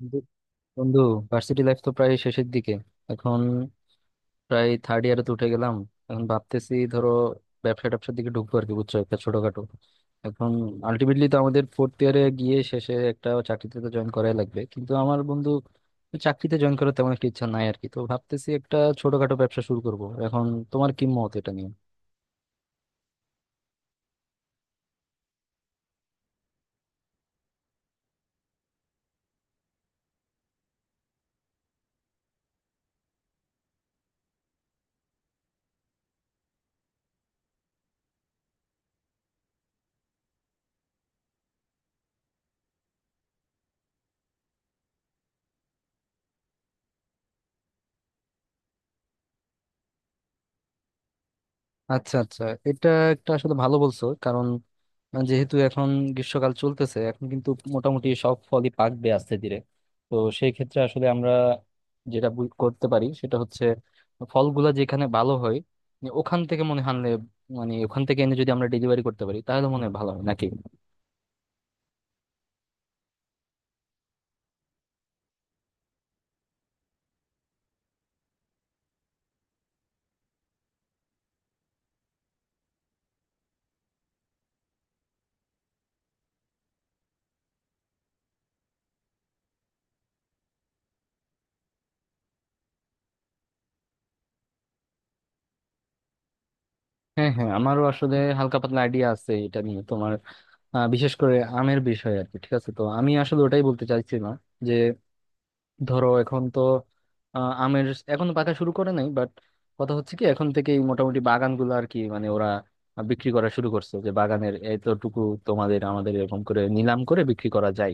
বন্ধু বন্ধু, varsity life তো প্রায় শেষের দিকে। এখন প্রায় থার্ড ইয়ারে তো উঠে গেলাম। এখন ভাবতেছি ধরো, ব্যবসা ট্যাবসার দিকে ঢুকবো আর কি, বুঝছো, একটা ছোটখাটো। এখন আলটিমেটলি তো আমাদের ফোর্থ ইয়ারে গিয়ে শেষে একটা চাকরিতে তো জয়েন করাই লাগবে, কিন্তু আমার বন্ধু, চাকরিতে জয়েন করার তেমন একটা ইচ্ছা নাই আর কি। তো ভাবতেছি একটা ছোটখাটো ব্যবসা শুরু করব এখন। তোমার কি মত এটা নিয়ে? আচ্ছা, আচ্ছা। এটা একটা আসলে ভালো বলছো, কারণ যেহেতু এখন গ্রীষ্মকাল চলতেছে, এখন কিন্তু মোটামুটি সব ফলই পাকবে আস্তে ধীরে। তো সেই ক্ষেত্রে আসলে আমরা যেটা করতে পারি সেটা হচ্ছে, ফলগুলা যেখানে ভালো হয় মানে ওখান থেকে মনে হয় আনলে, মানে ওখান থেকে এনে যদি আমরা ডেলিভারি করতে পারি তাহলে মনে হয় ভালো হয় নাকি। হ্যাঁ, হ্যাঁ, আমারও আসলে হালকা পাতলা আইডিয়া আছে এটা নিয়ে। তোমার বিশেষ করে আমের বিষয়ে আর কি। ঠিক আছে, তো আমি আসলে ওটাই বলতে চাইছিলাম। ধরো এখন তো আমের এখন পাকা শুরু করে নাই, বাট কথা হচ্ছে কি, এখন থেকেই মোটামুটি বাগানগুলো আর কি, মানে ওরা বিক্রি করা শুরু করছে যে বাগানের এতটুকু তোমাদের আমাদের এরকম করে নিলাম করে বিক্রি করা যায়।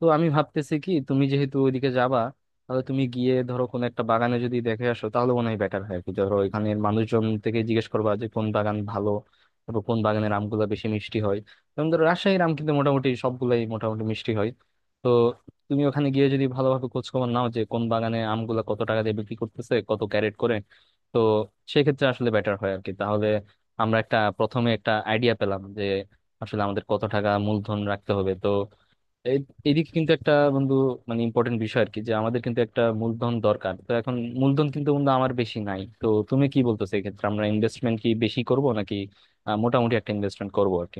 তো আমি ভাবতেছি কি, তুমি যেহেতু ওইদিকে যাবা, তাহলে তুমি গিয়ে ধরো কোন একটা বাগানে যদি দেখে আসো তাহলে মনে হয় বেটার হয় আর কি। ধরো এখানের মানুষজন থেকে জিজ্ঞেস করবা যে কোন বাগান ভালো, তারপর কোন বাগানের আমগুলো বেশি মিষ্টি হয়। যেমন ধরো রাজশাহীর আম কিন্তু মোটামুটি সবগুলাই মোটামুটি মিষ্টি হয়। তো তুমি ওখানে গিয়ে যদি ভালোভাবে খোঁজখবর নাও যে কোন বাগানে আমগুলা কত টাকা দিয়ে বিক্রি করতেছে, কত ক্যারেট করে, তো সেক্ষেত্রে আসলে বেটার হয় আর কি। তাহলে আমরা একটা, প্রথমে একটা আইডিয়া পেলাম যে আসলে আমাদের কত টাকা মূলধন রাখতে হবে। তো এইদিকে কিন্তু একটা, বন্ধু, মানে ইম্পর্টেন্ট বিষয় আর কি, যে আমাদের কিন্তু একটা মূলধন দরকার। তো এখন মূলধন কিন্তু বন্ধু আমার বেশি নাই। তো তুমি কি বলতেছো, এক্ষেত্রে আমরা ইনভেস্টমেন্ট কি বেশি করব নাকি মোটামুটি একটা ইনভেস্টমেন্ট করবো আর কি?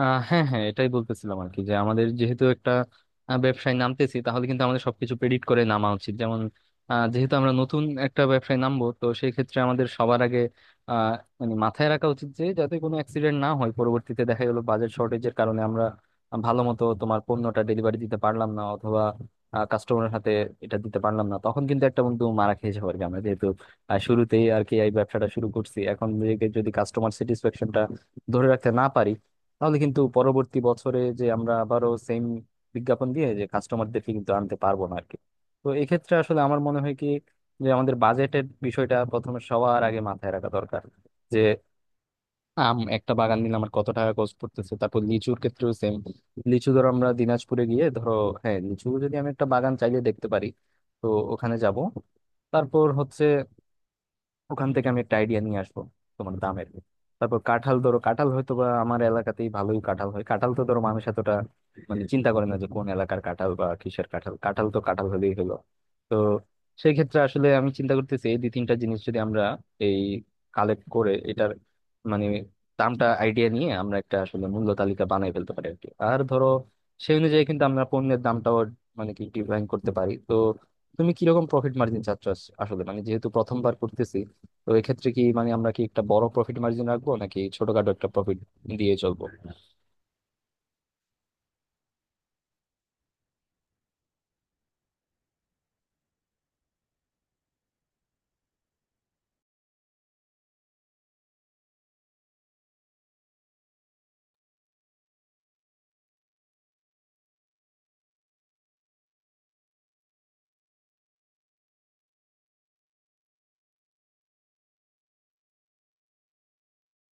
হ্যাঁ, হ্যাঁ, এটাই বলতেছিলাম আর কি, যে আমাদের যেহেতু একটা ব্যবসায় নামতেছি, তাহলে কিন্তু আমাদের সবকিছু প্রেডিক্ট করে নামা উচিত। যেমন যেহেতু আমরা নতুন একটা ব্যবসায় নামবো, তো সেই ক্ষেত্রে আমাদের সবার আগে আহ, মানে মাথায় রাখা উচিত যে যাতে কোনো অ্যাক্সিডেন্ট না হয়, পরবর্তীতে দেখা গেলো বাজেট শর্টেজের কারণে আমরা ভালো মতো তোমার পণ্যটা ডেলিভারি দিতে পারলাম না, অথবা কাস্টমারের হাতে এটা দিতে পারলাম না, তখন কিন্তু একটা বন্ধু মারা খেয়ে যাবো আর কি। আমরা যেহেতু শুরুতেই আর কি এই ব্যবসাটা শুরু করছি, এখন যদি কাস্টমার স্যাটিসফ্যাকশনটা ধরে রাখতে না পারি, তাহলে কিন্তু পরবর্তী বছরে যে আমরা আবারও সেম বিজ্ঞাপন দিয়ে যে কাস্টমারদেরকে কিন্তু আনতে পারবো না আরকি। তো এক্ষেত্রে আসলে আমার মনে হয় কি, যে আমাদের বাজেটের বিষয়টা প্রথমে সবার আগে মাথায় রাখা দরকার। যে আম, একটা বাগান নিলে আমার কত টাকা খরচ পড়তেছে, তারপর লিচুর ক্ষেত্রেও সেম। লিচু ধরো আমরা দিনাজপুরে গিয়ে ধরো, হ্যাঁ, লিচু যদি আমি একটা বাগান চাইলে দেখতে পারি, তো ওখানে যাব, তারপর হচ্ছে ওখান থেকে আমি একটা আইডিয়া নিয়ে আসবো তোমার দামের। তারপর কাঁঠাল, ধরো কাঁঠাল হয়তো বা আমার এলাকাতেই ভালোই কাঁঠাল হয়। কাঁঠাল তো ধরো মানুষ এতটা মানে চিন্তা করে না যে কোন এলাকার কাঁঠাল বা কিসের কাঁঠাল, কাঁঠাল তো কাঁঠাল হলেই হলো। তো সেই ক্ষেত্রে আসলে আমি চিন্তা করতেছি, এই দুই তিনটা জিনিস যদি আমরা এই কালেক্ট করে এটার মানে দামটা আইডিয়া নিয়ে আমরা একটা আসলে মূল্য তালিকা বানাই ফেলতে পারি আর কি। আর ধরো সেই অনুযায়ী কিন্তু আমরা পণ্যের দামটাও মানে কি ডিজাইন করতে পারি। তো তুমি কিরকম প্রফিট মার্জিন চাচ্ছ আসলে, মানে যেহেতু প্রথমবার করতেছি, তো এক্ষেত্রে কি মানে আমরা কি একটা বড় প্রফিট মার্জিন রাখবো নাকি ছোটখাটো একটা প্রফিট দিয়ে চলবো?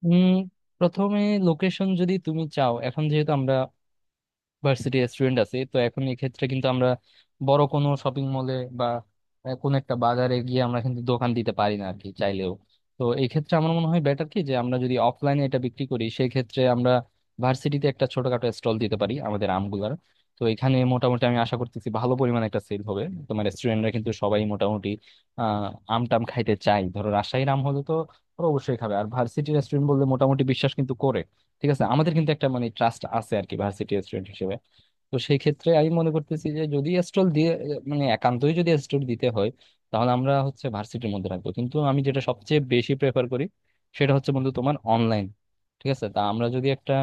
উম প্রথমে লোকেশন যদি তুমি চাও, এখন যেহেতু আমরা ভার্সিটি স্টুডেন্ট আছি, তো এখন এই ক্ষেত্রে কিন্তু আমরা বড় কোনো শপিং মলে বা কোনো একটা বাজারে গিয়ে আমরা কিন্তু দোকান দিতে পারি না আর কি, চাইলেও। তো এই ক্ষেত্রে আমার মনে হয় বেটার কি, যে আমরা যদি অফলাইনে এটা বিক্রি করি সেই ক্ষেত্রে আমরা ভার্সিটিতে একটা ছোটখাটো স্টল দিতে পারি আমাদের আমগুলার। তো এখানে মোটামুটি আমি আশা করতেছি ভালো পরিমাণে একটা সেল হবে। তোমার স্টুডেন্টরা কিন্তু সবাই মোটামুটি আহ আম টাম খাইতে চায়। ধরো রাজশাহীর আম হলে তো ওরা অবশ্যই খাবে, আর ভার্সিটির স্টুডেন্ট বললে মোটামুটি বিশ্বাস কিন্তু করে, ঠিক আছে, আমাদের কিন্তু একটা মানে ট্রাস্ট আছে আর কি, ভার্সিটি স্টুডেন্ট হিসেবে। তো সেই ক্ষেত্রে আমি মনে করতেছি যে যদি স্টল দিয়ে, মানে একান্তই যদি স্টল দিতে হয় তাহলে আমরা হচ্ছে ভার্সিটির মধ্যে রাখবো, কিন্তু আমি যেটা সবচেয়ে বেশি প্রেফার করি সেটা হচ্ছে বন্ধু, তোমার অনলাইন। ঠিক আছে, তা আমরা যদি একটা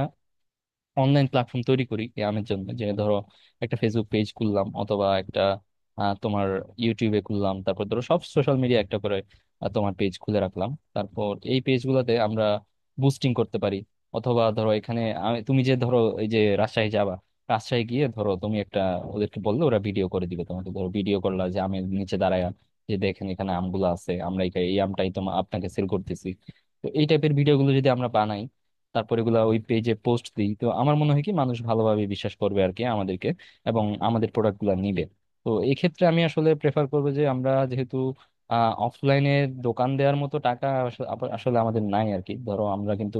অনলাইন প্ল্যাটফর্ম তৈরি করি ব্যায়ামের জন্য, যে ধরো একটা ফেসবুক পেজ খুললাম, অথবা একটা তোমার ইউটিউবে খুললাম, তারপর ধরো সব সোশ্যাল মিডিয়া একটা করে তোমার পেজ খুলে রাখলাম। তারপর এই পেজগুলোতে আমরা বুস্টিং করতে পারি, অথবা ধরো এখানে তুমি যে ধরো এই যে রাজশাহী যাবা, রাজশাহী গিয়ে ধরো তুমি একটা ওদেরকে বললে ওরা ভিডিও করে দিবে তোমাকে, ধরো ভিডিও করলা যে আমি নিচে দাঁড়ায়, যে দেখেন এখানে আমগুলো আছে, আমরা এই এই আমটাই তোমার আপনাকে সেল করতেছি। তো এই টাইপের ভিডিওগুলো যদি আমরা বানাই, তারপর এগুলা ওই পেজে পোস্ট দিই, তো আমার মনে হয় কি মানুষ ভালোভাবে বিশ্বাস করবে আর কি আমাদেরকে, এবং আমাদের প্রোডাক্ট গুলা নিবে। তো এই ক্ষেত্রে আমি আসলে প্রেফার করবো যে, আমরা যেহেতু অফলাইনে দোকান দেওয়ার মতো টাকা আসলে আমাদের নাই আর কি। ধরো আমরা কিন্তু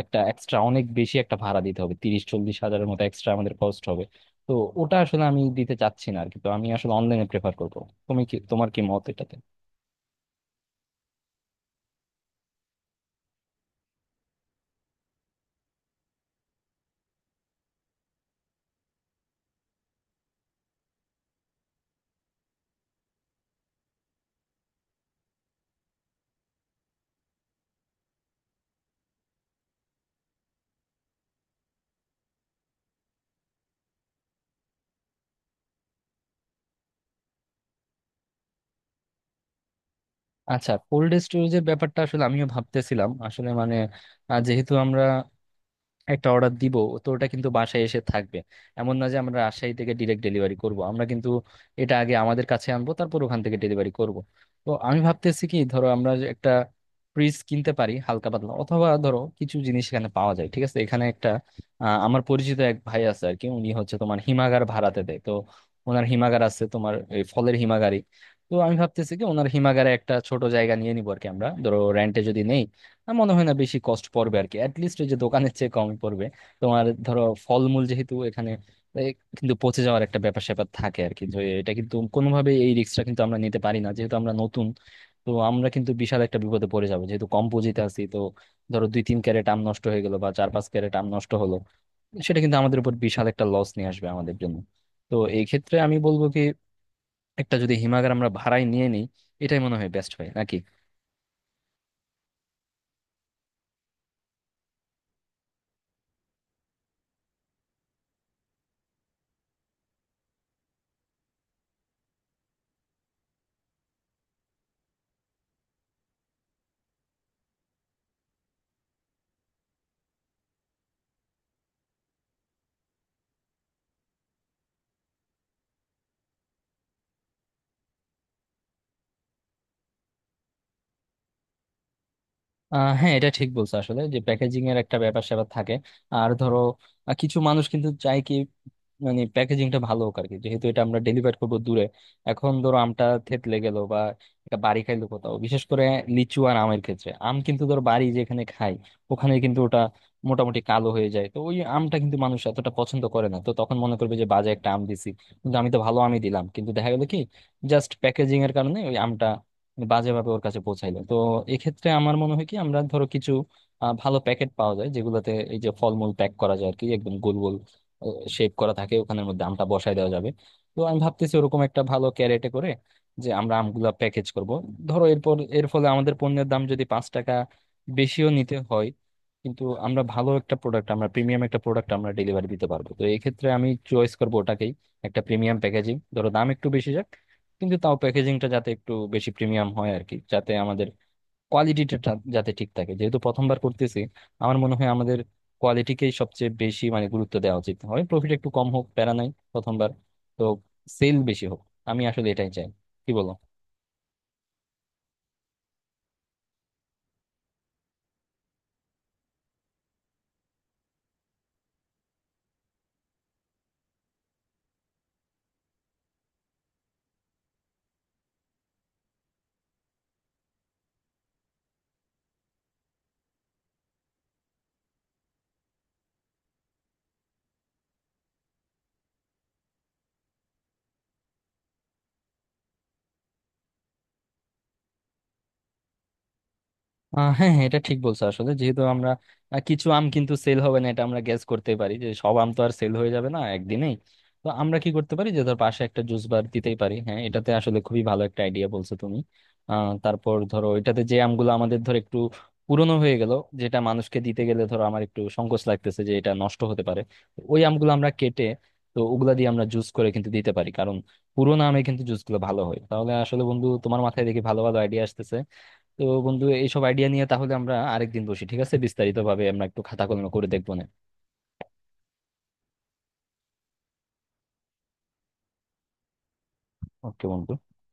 একটা এক্সট্রা অনেক বেশি একটা ভাড়া দিতে হবে, 30-40 হাজারের মতো এক্সট্রা আমাদের কস্ট হবে। তো ওটা আসলে আমি দিতে চাচ্ছি না আর কি। তো আমি আসলে অনলাইনে প্রেফার করবো। তুমি কি, তোমার কি মত এটাতে? আচ্ছা, কোল্ড স্টোরেজের ব্যাপারটা আসলে আমিও ভাবতেছিলাম আসলে, মানে যেহেতু আমরা একটা অর্ডার দিব, তো ওটা কিন্তু বাসায় এসে থাকবে। এমন না যে আমরা রাজশাহী থেকে ডিরেক্ট ডেলিভারি করব, আমরা কিন্তু এটা আগে আমাদের কাছে আনবো তারপর ওখান থেকে ডেলিভারি করব। তো আমি ভাবতেছি কি ধরো আমরা যে একটা ফ্রিজ কিনতে পারি হালকা পাতলা, অথবা ধরো কিছু জিনিস এখানে পাওয়া যায়, ঠিক আছে, এখানে একটা আমার পরিচিত এক ভাই আছে আর কি, উনি হচ্ছে তোমার হিমাগার ভাড়াতে দেয়। তো ওনার হিমাগার আছে, তোমার এই ফলের হিমাগারই। তো আমি ভাবতেছি কি ওনার হিমাগারে একটা ছোট জায়গা নিয়ে নিবো আর কি। আমরা ধরো রেন্টে যদি নেই, আমার মনে হয় না বেশি কস্ট পড়বে আর কি, অ্যাটলিস্ট ওই যে দোকানের চেয়ে কম পড়বে। তোমার ধরো ফলমূল যেহেতু এখানে এ, কিন্তু পচে যাওয়ার একটা ব্যাপার স্যাপার থাকে আর কি, যে এটা কিন্তু কোনোভাবে, এই রিস্কটা কিন্তু আমরা নিতে পারি না যেহেতু আমরা নতুন। তো আমরা কিন্তু বিশাল একটা বিপদে পড়ে যাবো যেহেতু কম পুঁজিতে আছি। তো ধরো 2-3 ক্যারেট আম নষ্ট হয়ে গেলো, বা 4-5 ক্যারেট আম নষ্ট হলো, সেটা কিন্তু আমাদের উপর বিশাল একটা লস নিয়ে আসবে আমাদের জন্য। তো এই ক্ষেত্রে আমি বলবো কি, একটা যদি হিমাগার আমরা ভাড়ায় নিয়ে নিই, এটাই মনে হয় বেস্ট হয় নাকি। হ্যাঁ, এটা ঠিক বলছো আসলে, যে প্যাকেজিং এর একটা ব্যাপার স্যাপার থাকে। আর ধরো কিছু মানুষ কিন্তু চায় কি, মানে প্যাকেজিংটা ভালো হোক আর কি, যেহেতু এটা আমরা ডেলিভার করবো দূরে। এখন ধরো আমটা থেতলে গেল, বা এটা বাড়ি খাইলো কোথাও, বিশেষ করে লিচু আর আমের ক্ষেত্রে। আম কিন্তু ধরো বাড়ি যেখানে খাই, ওখানে কিন্তু ওটা মোটামুটি কালো হয়ে যায়, তো ওই আমটা কিন্তু মানুষ এতটা পছন্দ করে না। তো তখন মনে করবে যে বাজে একটা আম দিছি, কিন্তু আমি তো ভালো আমই দিলাম, কিন্তু দেখা গেলো কি জাস্ট প্যাকেজিং এর কারণে ওই আমটা মানে বাজেভাবে ওর কাছে পৌঁছাইলো। তো এক্ষেত্রে আমার মনে হয় কি, আমরা ধরো কিছু ভালো প্যাকেট পাওয়া যায় যেগুলোতে এই যে ফলমূল প্যাক করা যায় আর কি, একদম গোল গোল শেপ করা থাকে, ওখানের মধ্যে আমটা বসায় দেওয়া যাবে। তো আমি ভাবতেছি ওরকম একটা ভালো ক্যারেটে করে যে আমরা আমগুলা প্যাকেজ করব। ধরো এরপর এর ফলে আমাদের পণ্যের দাম যদি 5 টাকা বেশিও নিতে হয়, কিন্তু আমরা ভালো একটা প্রোডাক্ট, আমরা প্রিমিয়াম একটা প্রোডাক্ট আমরা ডেলিভারি দিতে পারবো, তো এই ক্ষেত্রে আমি চয়েস করবো ওটাকেই। একটা প্রিমিয়াম প্যাকেজিং, ধরো দাম একটু বেশি যাক, কিন্তু তাও প্যাকেজিংটা যাতে একটু বেশি প্রিমিয়াম হয় আর কি, যাতে আমাদের কোয়ালিটিটা যাতে ঠিক থাকে, যেহেতু প্রথমবার করতেছি। আমার মনে হয় আমাদের কোয়ালিটিকেই সবচেয়ে বেশি মানে গুরুত্ব দেওয়া উচিত হয়। প্রফিট একটু কম হোক, প্যারা নাই, প্রথমবার তো সেল বেশি হোক, আমি আসলে এটাই চাই। কি বলো? হ্যাঁ, হ্যাঁ, এটা ঠিক বলছো আসলে, যেহেতু আমরা কিছু আম কিন্তু সেল হবে না, এটা আমরা গ্যাস করতে পারি, যে সব আম তো আর সেল হয়ে যাবে না একদিনেই। তো আমরা কি করতে পারি, যে ধর পাশে একটা জুস বার দিতেই পারি। হ্যাঁ, এটাতে আসলে খুবই ভালো একটা আইডিয়া বলছো তুমি। তারপর ধরো এটাতে যে আমগুলো আমাদের ধর একটু পুরনো হয়ে গেল, যেটা মানুষকে দিতে গেলে ধরো আমার একটু সংকোচ লাগতেছে যে এটা নষ্ট হতে পারে, তো ওই আমগুলো আমরা কেটে, তো ওগুলা দিয়ে আমরা জুস করে কিন্তু দিতে পারি, কারণ পুরোনো আমে কিন্তু জুসগুলো ভালো হয়। তাহলে আসলে বন্ধু, তোমার মাথায় দেখি ভালো ভালো আইডিয়া আসতেছে। তো বন্ধু, এইসব আইডিয়া নিয়ে তাহলে আমরা আরেকদিন বসি, ঠিক আছে? বিস্তারিত ভাবে আমরা একটু খাতা কলম করে দেখবো না। ওকে বন্ধু।